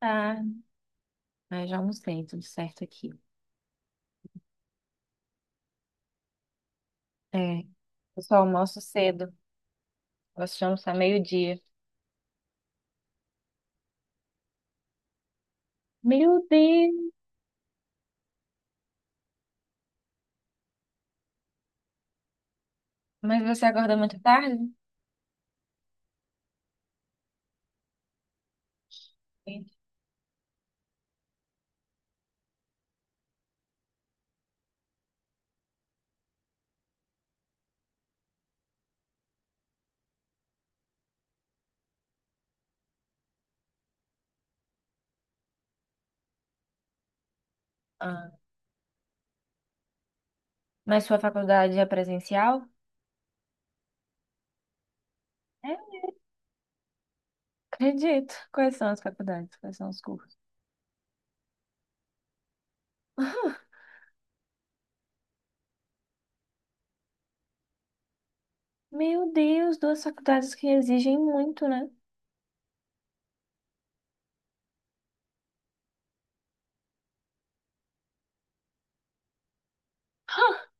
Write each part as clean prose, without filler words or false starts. Ah, mas já almocei, tudo certo aqui. É, eu só almoço cedo. Gosto de almoçar meio-dia. Meu Deus! Mas você acorda muito tarde? Sim. Ah, mas sua faculdade é presencial? É, acredito. Quais são as faculdades? Quais são os cursos? Meu Deus, duas faculdades que exigem muito, né?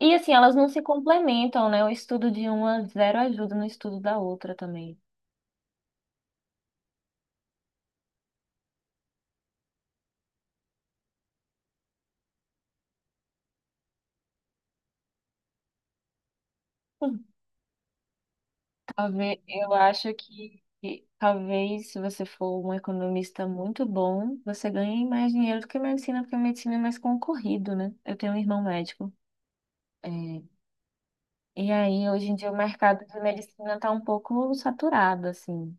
E assim, elas não se complementam, né? O estudo de uma zero ajuda no estudo da outra também. Talvez- eu acho que talvez se você for um economista muito bom, você ganhe mais dinheiro do que medicina, porque medicina é mais concorrido, né? Eu tenho um irmão médico. É, e aí, hoje em dia, o mercado de medicina está um pouco saturado, assim.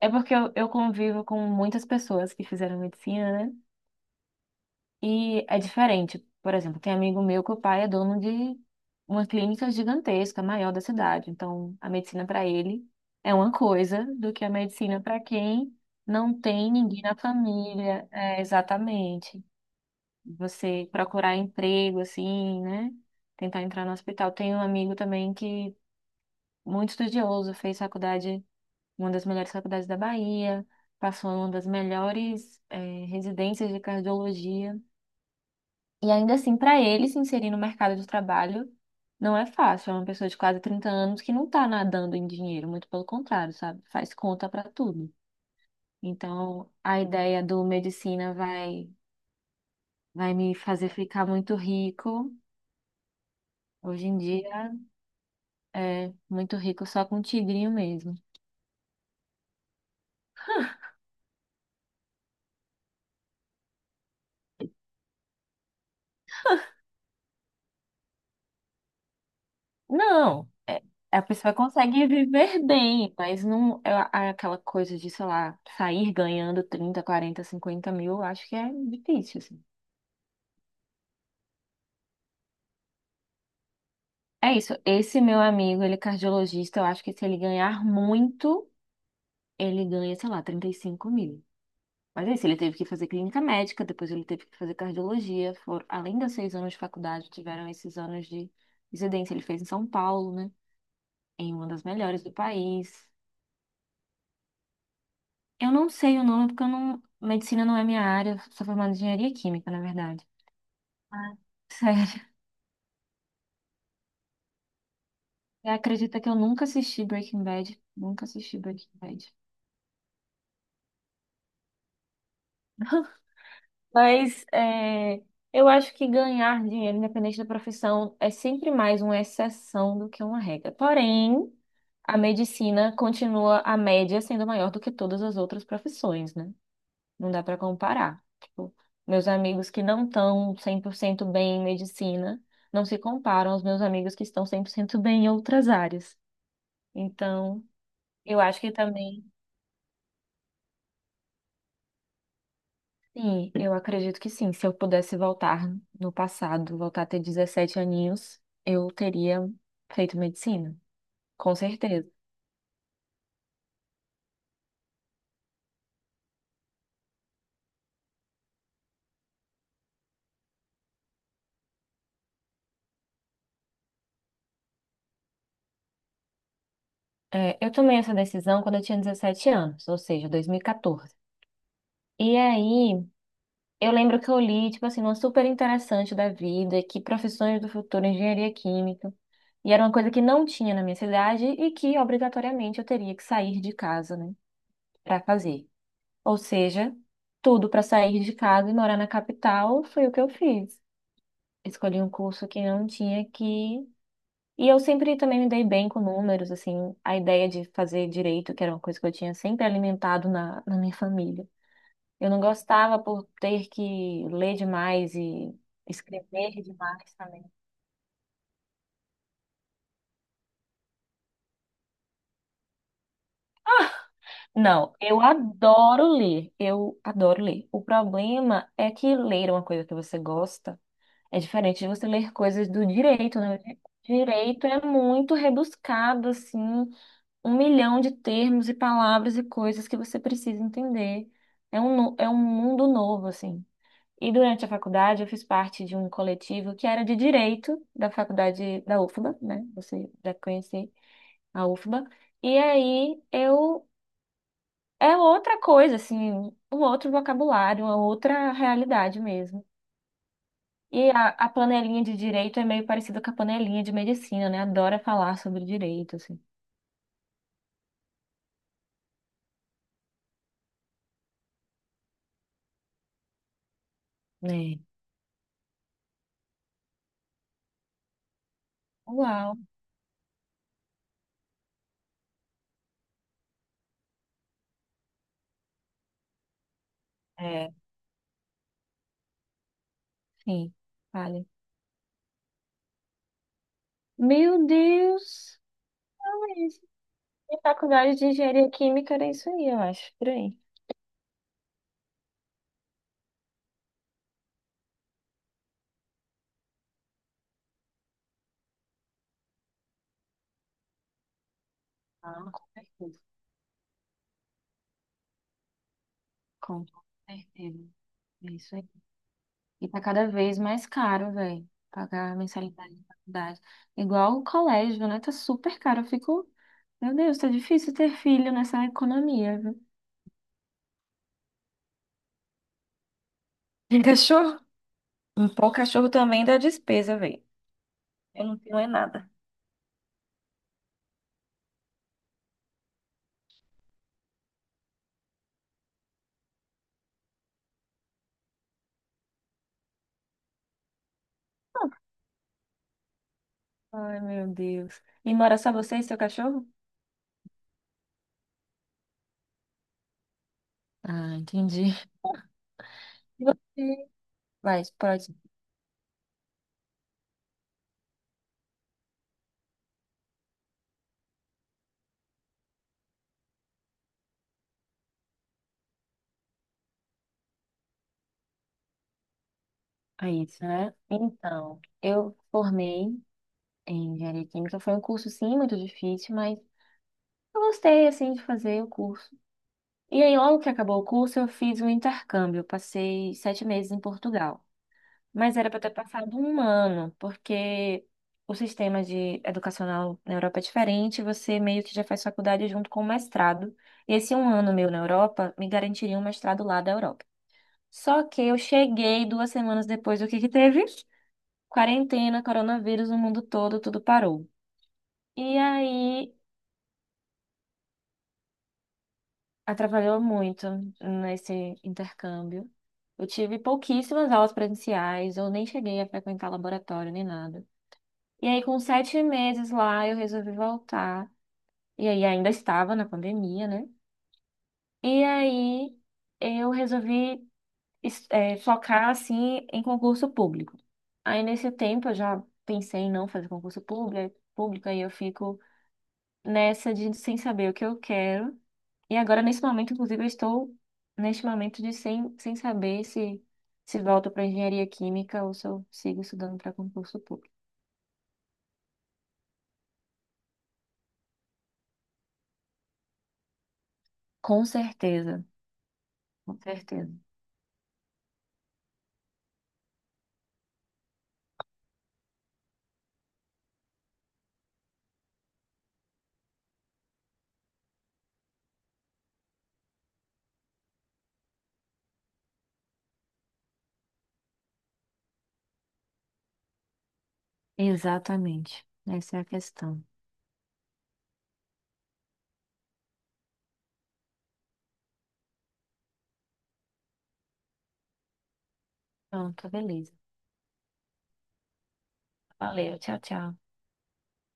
É porque eu convivo com muitas pessoas que fizeram medicina, né? E é diferente. Por exemplo, tem amigo meu que o pai é dono de uma clínica gigantesca, maior da cidade. Então, a medicina para ele é uma coisa do que a medicina para quem não tem ninguém na família. É, exatamente. Você procurar emprego, assim, né? Tentar entrar no hospital. Tem um amigo também que, muito estudioso, fez faculdade, uma das melhores faculdades da Bahia, passou em uma das melhores, residências de cardiologia. E ainda assim, para ele se inserir no mercado de trabalho, não é fácil. É uma pessoa de quase 30 anos que não está nadando em dinheiro, muito pelo contrário, sabe? Faz conta para tudo. Então, a ideia do medicina vai, vai me fazer ficar muito rico. Hoje em dia, é muito rico só com tigrinho mesmo. Não, é- a pessoa consegue viver bem, mas não é aquela coisa de, sei lá, sair ganhando 30, 40, 50 mil, eu acho que é difícil, assim. É isso. Esse meu amigo, ele é cardiologista, eu acho que se ele ganhar muito, ele ganha, sei lá, 35 mil. Mas é isso, ele teve que fazer clínica médica, depois ele teve que fazer cardiologia. Além dos 6 anos de faculdade, tiveram esses anos de residência. Ele fez em São Paulo, né? Em uma das melhores do país. Eu não sei o nome, porque eu não... medicina não é minha área, eu sou formada em engenharia química, na verdade. Ah. Sério. Você acredita que eu nunca assisti Breaking Bad? Nunca assisti Breaking Bad. Mas é, eu acho que ganhar dinheiro, independente da profissão, é sempre mais uma exceção do que uma regra. Porém, a medicina continua a média sendo maior do que todas as outras profissões, né? Não dá para comparar. Tipo, meus amigos que não estão 100% bem em medicina não se comparam aos meus amigos que estão 100% bem em outras áreas. Então, eu acho que também sim, eu acredito que sim. Se eu pudesse voltar no passado, voltar a ter 17 aninhos, eu teria feito medicina, com certeza. É, eu tomei essa decisão quando eu tinha 17 anos, ou seja, 2014. E aí, eu lembro que eu li, tipo assim, uma super interessante da vida, que profissões do futuro, engenharia química, e era uma coisa que não tinha na minha cidade e que obrigatoriamente eu teria que sair de casa, né, para fazer. Ou seja, tudo para sair de casa e morar na capital foi o que eu fiz. Escolhi um curso que não tinha que. E eu sempre também me dei bem com números, assim, a ideia de fazer direito, que era uma coisa que eu tinha sempre alimentado na minha família. Eu não gostava por ter que ler demais e escrever demais também. Não, eu adoro ler, eu adoro ler. O problema é que ler é uma coisa que você gosta é diferente de você ler coisas do direito, né? Direito é muito rebuscado, assim. Um milhão de termos e palavras e coisas que você precisa entender. É um mundo novo, assim. E durante a faculdade eu fiz parte de um coletivo que era de direito da faculdade da UFBA, né? Você já conhece a UFBA. E aí eu é outra coisa, assim, um outro vocabulário, uma outra realidade mesmo. E a panelinha de direito é meio parecida com a panelinha de medicina, né? Adora falar sobre direito, assim. Né? Uau. É. Sim, vale. Meu Deus! Ah, isso. E faculdade de engenharia química era isso aí, eu acho, por aí. Ah, com certeza. Com certeza. É isso aí. E tá cada vez mais caro, velho, pagar a mensalidade de faculdade. Igual o colégio, né? Tá super caro. Eu fico, meu Deus, tá difícil ter filho nessa economia, viu? Tem cachorro? Um pô, cachorro também dá despesa, velho. Eu não tenho é nada. Ai, meu Deus. E mora só você e seu cachorro? Ah, entendi. E você? Vai, pode. É isso, né? Então, eu formei em engenharia química. Foi um curso, sim, muito difícil, mas eu gostei, assim, de fazer o curso. E aí, logo que acabou o curso, eu fiz um intercâmbio. Eu passei 7 meses em Portugal. Mas era para ter passado um ano, porque o sistema de educacional na Europa é diferente. Você meio que já faz faculdade junto com o mestrado. Esse um ano meu na Europa me garantiria um mestrado lá da Europa. Só que eu cheguei 2 semanas depois do que teve? Quarentena, coronavírus no mundo todo, tudo parou. E aí, atrapalhou muito nesse intercâmbio. Eu tive pouquíssimas aulas presenciais, eu nem cheguei a frequentar laboratório nem nada. E aí, com 7 meses lá, eu resolvi voltar. E aí, ainda estava na pandemia, né? E aí, eu resolvi focar, assim, em concurso público. Aí, nesse tempo, eu já pensei em não fazer concurso público, aí eu fico nessa de sem saber o que eu quero. E agora, nesse momento, inclusive, eu estou neste momento de sem saber se volto para engenharia química ou se eu sigo estudando para concurso público. Com certeza, com certeza. Exatamente. Essa é a questão. Pronto, beleza. Valeu, tchau, tchau.